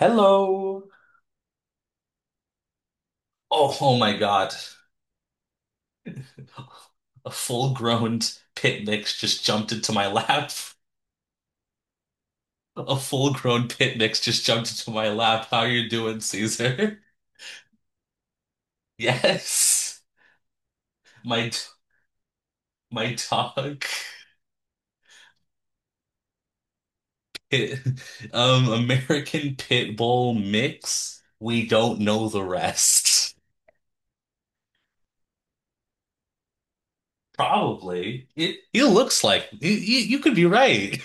Hello. Oh, oh my God. A full-grown pit mix just jumped into my lap. A full-grown pit mix just jumped into my lap. How you doing, Caesar? Yes. My my dog. Pit- American Pit Bull mix. We don't know the rest. Probably. It He looks like you, you could be right.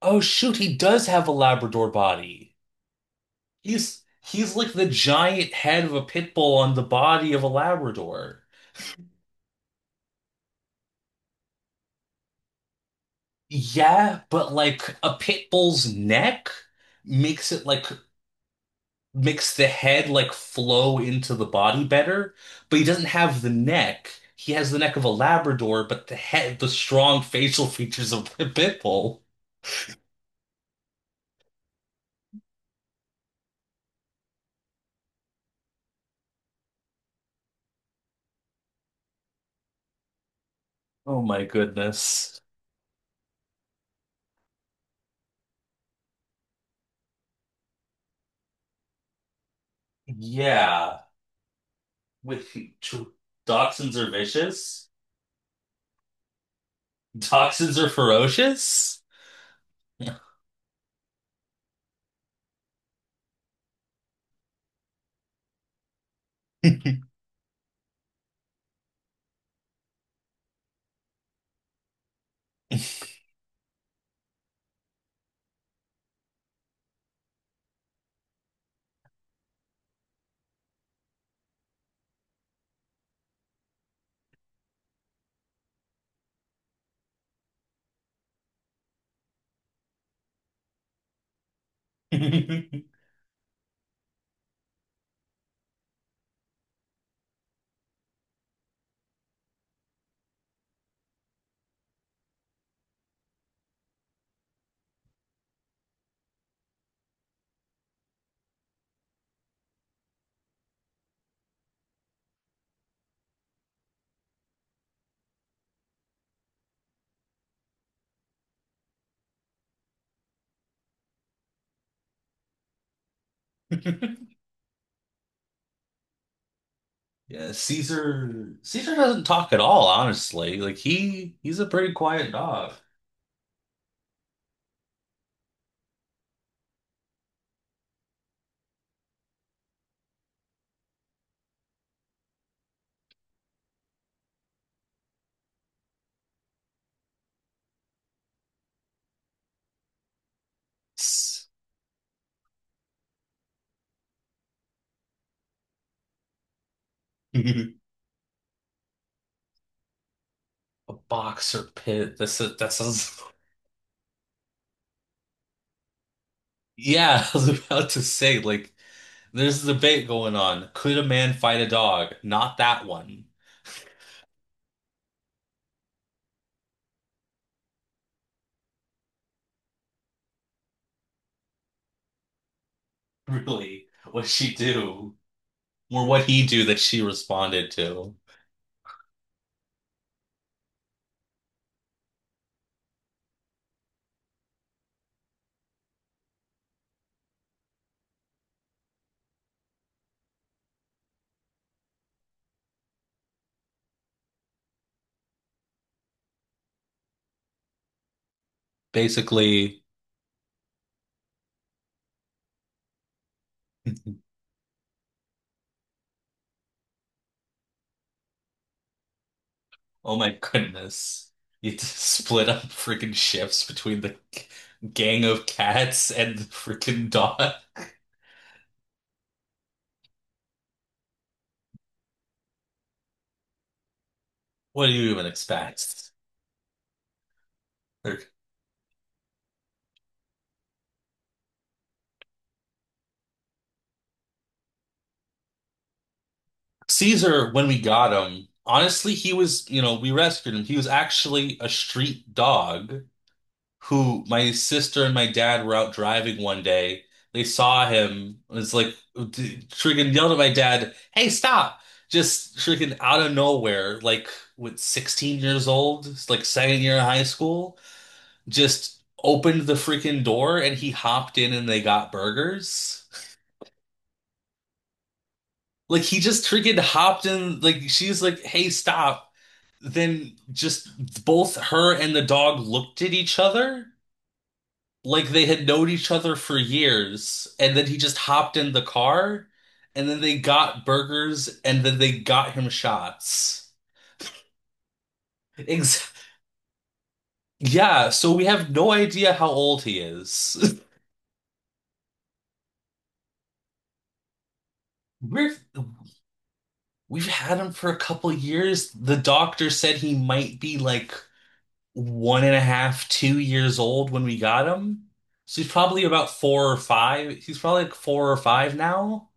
Oh shoot, he does have a Labrador body. He's like the giant head of a pit bull on the body of a Labrador. Yeah, but like a pit bull's neck makes it like makes the head like flow into the body better, but he doesn't have the neck. He has the neck of a Labrador, but the head, the strong facial features of a pit bull. Oh my goodness. Yeah, with dachshunds are vicious. Dachshunds are ferocious. Yeah, Caesar doesn't talk at all, honestly. Like he's a pretty quiet dog. S- A boxer pit. That sounds. Yeah, I was about to say, like, there's a debate going on. Could a man fight a dog? Not that one. Really, what she do or what he do that she responded to. Basically. Oh my goodness. You had to split up freaking shifts between the gang of cats and the freaking dog. What do you even expect? Like, Caesar, when we got him, honestly, he was, you know, we rescued him. He was actually a street dog. Who My sister and my dad were out driving one day. They saw him. It was like, freaking yelled at my dad, "Hey, stop!" Just freaking out of nowhere, like with 16 years old, it's like second year of high school, just opened the freaking door and he hopped in and they got burgers. Like he just freaking hopped in. Like she's like, "Hey, stop!" Then just both her and the dog looked at each other like they had known each other for years, and then he just hopped in the car, and then they got burgers, and then they got him shots. Ex Yeah, so we have no idea how old he is. We're we've had him for a couple years. The doctor said he might be like 1.5, 2 years old when we got him. So he's probably about 4 or 5. He's probably like 4 or 5 now.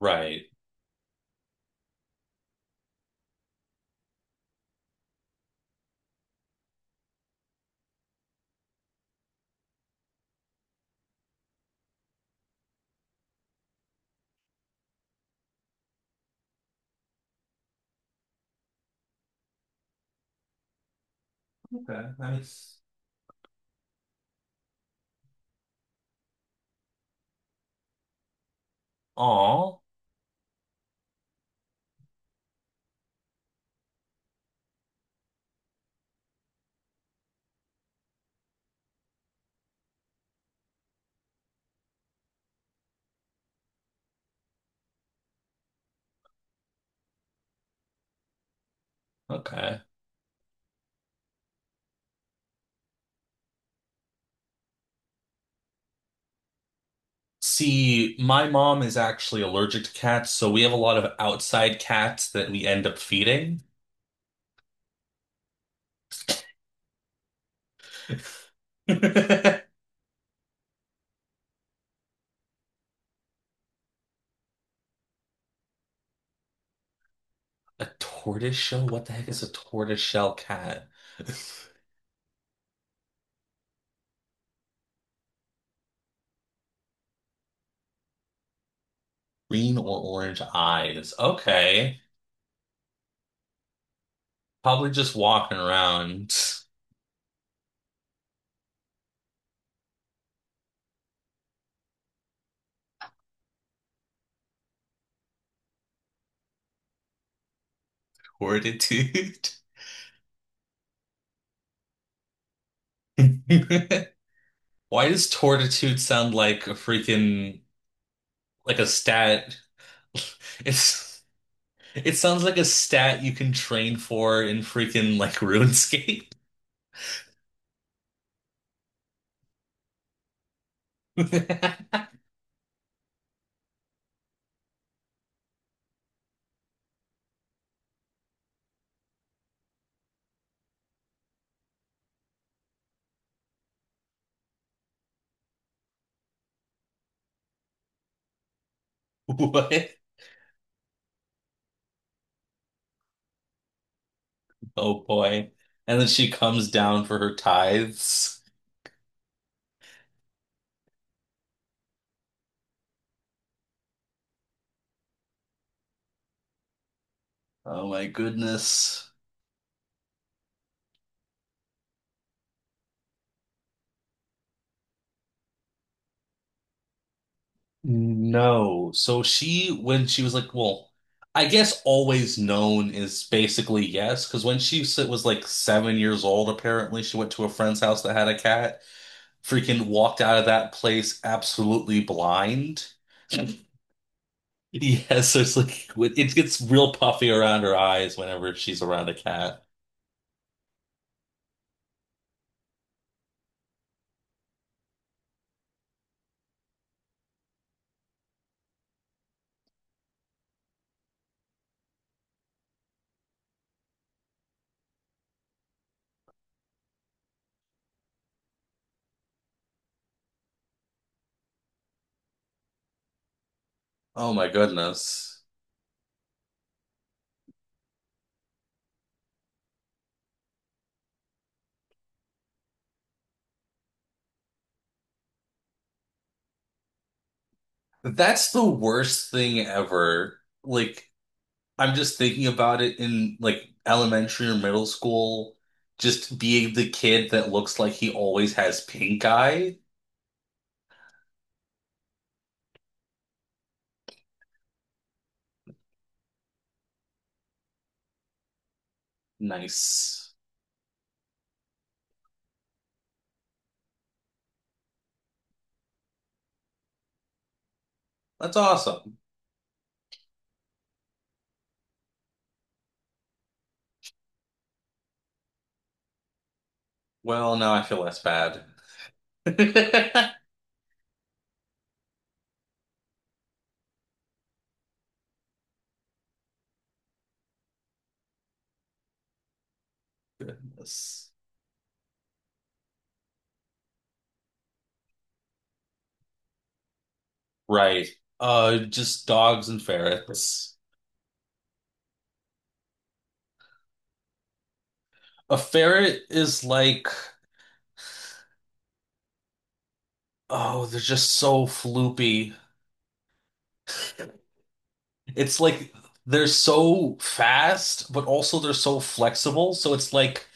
Right. Okay. Nice. Aw. Okay. See, my mom is actually allergic to cats, so we have a lot of outside cats that we end up feeding. A tortoise shell? What the heck is a tortoise shell cat? Green or orange eyes. Okay. Probably just walking around. Tortitude. Why does tortitude sound like a freaking, like, a stat? It's it sounds like a stat you can train for in freaking like RuneScape. What? Oh boy. And then she comes down for her tithes. Oh my goodness. No. So she, when she was like, well, I guess always known is basically yes, because when she was like 7 years old, apparently she went to a friend's house that had a cat, freaking walked out of that place absolutely blind. Yes, so it's like it gets real puffy around her eyes whenever she's around a cat. Oh my goodness. That's the worst thing ever. Like, I'm just thinking about it in like elementary or middle school, just being the kid that looks like he always has pink eye. Nice. That's awesome. Well, now I feel less bad. Yes. Right. Just dogs and ferrets. A ferret is like, oh, they're just so floopy. It's like they're so fast, but also they're so flexible. So it's like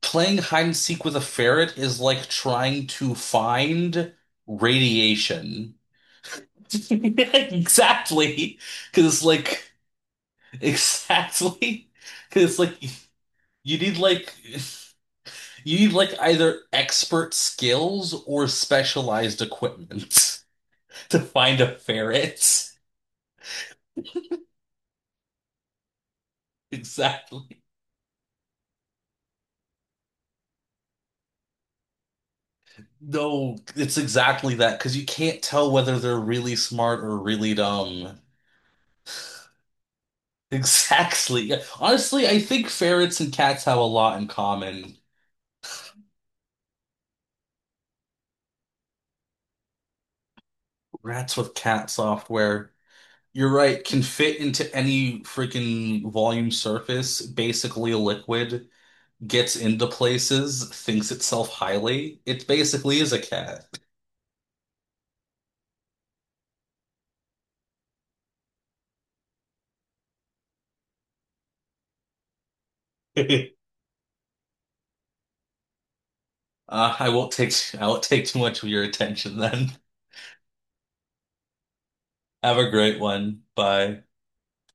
playing hide and seek with a ferret is like trying to find radiation. Exactly. Because it's like, exactly. Because it's like, you need like, you need like either expert skills or specialized equipment to find a ferret. Exactly. No, it's exactly that because you can't tell whether they're really smart or really dumb. Exactly. Yeah. Honestly, I think ferrets and cats have a lot in common. Rats with cat software, you're right, can fit into any freaking volume surface, basically a liquid, gets into places, thinks itself highly. It basically is a cat. Uh, I won't take I won't take too much of your attention then. Have a great one. Bye.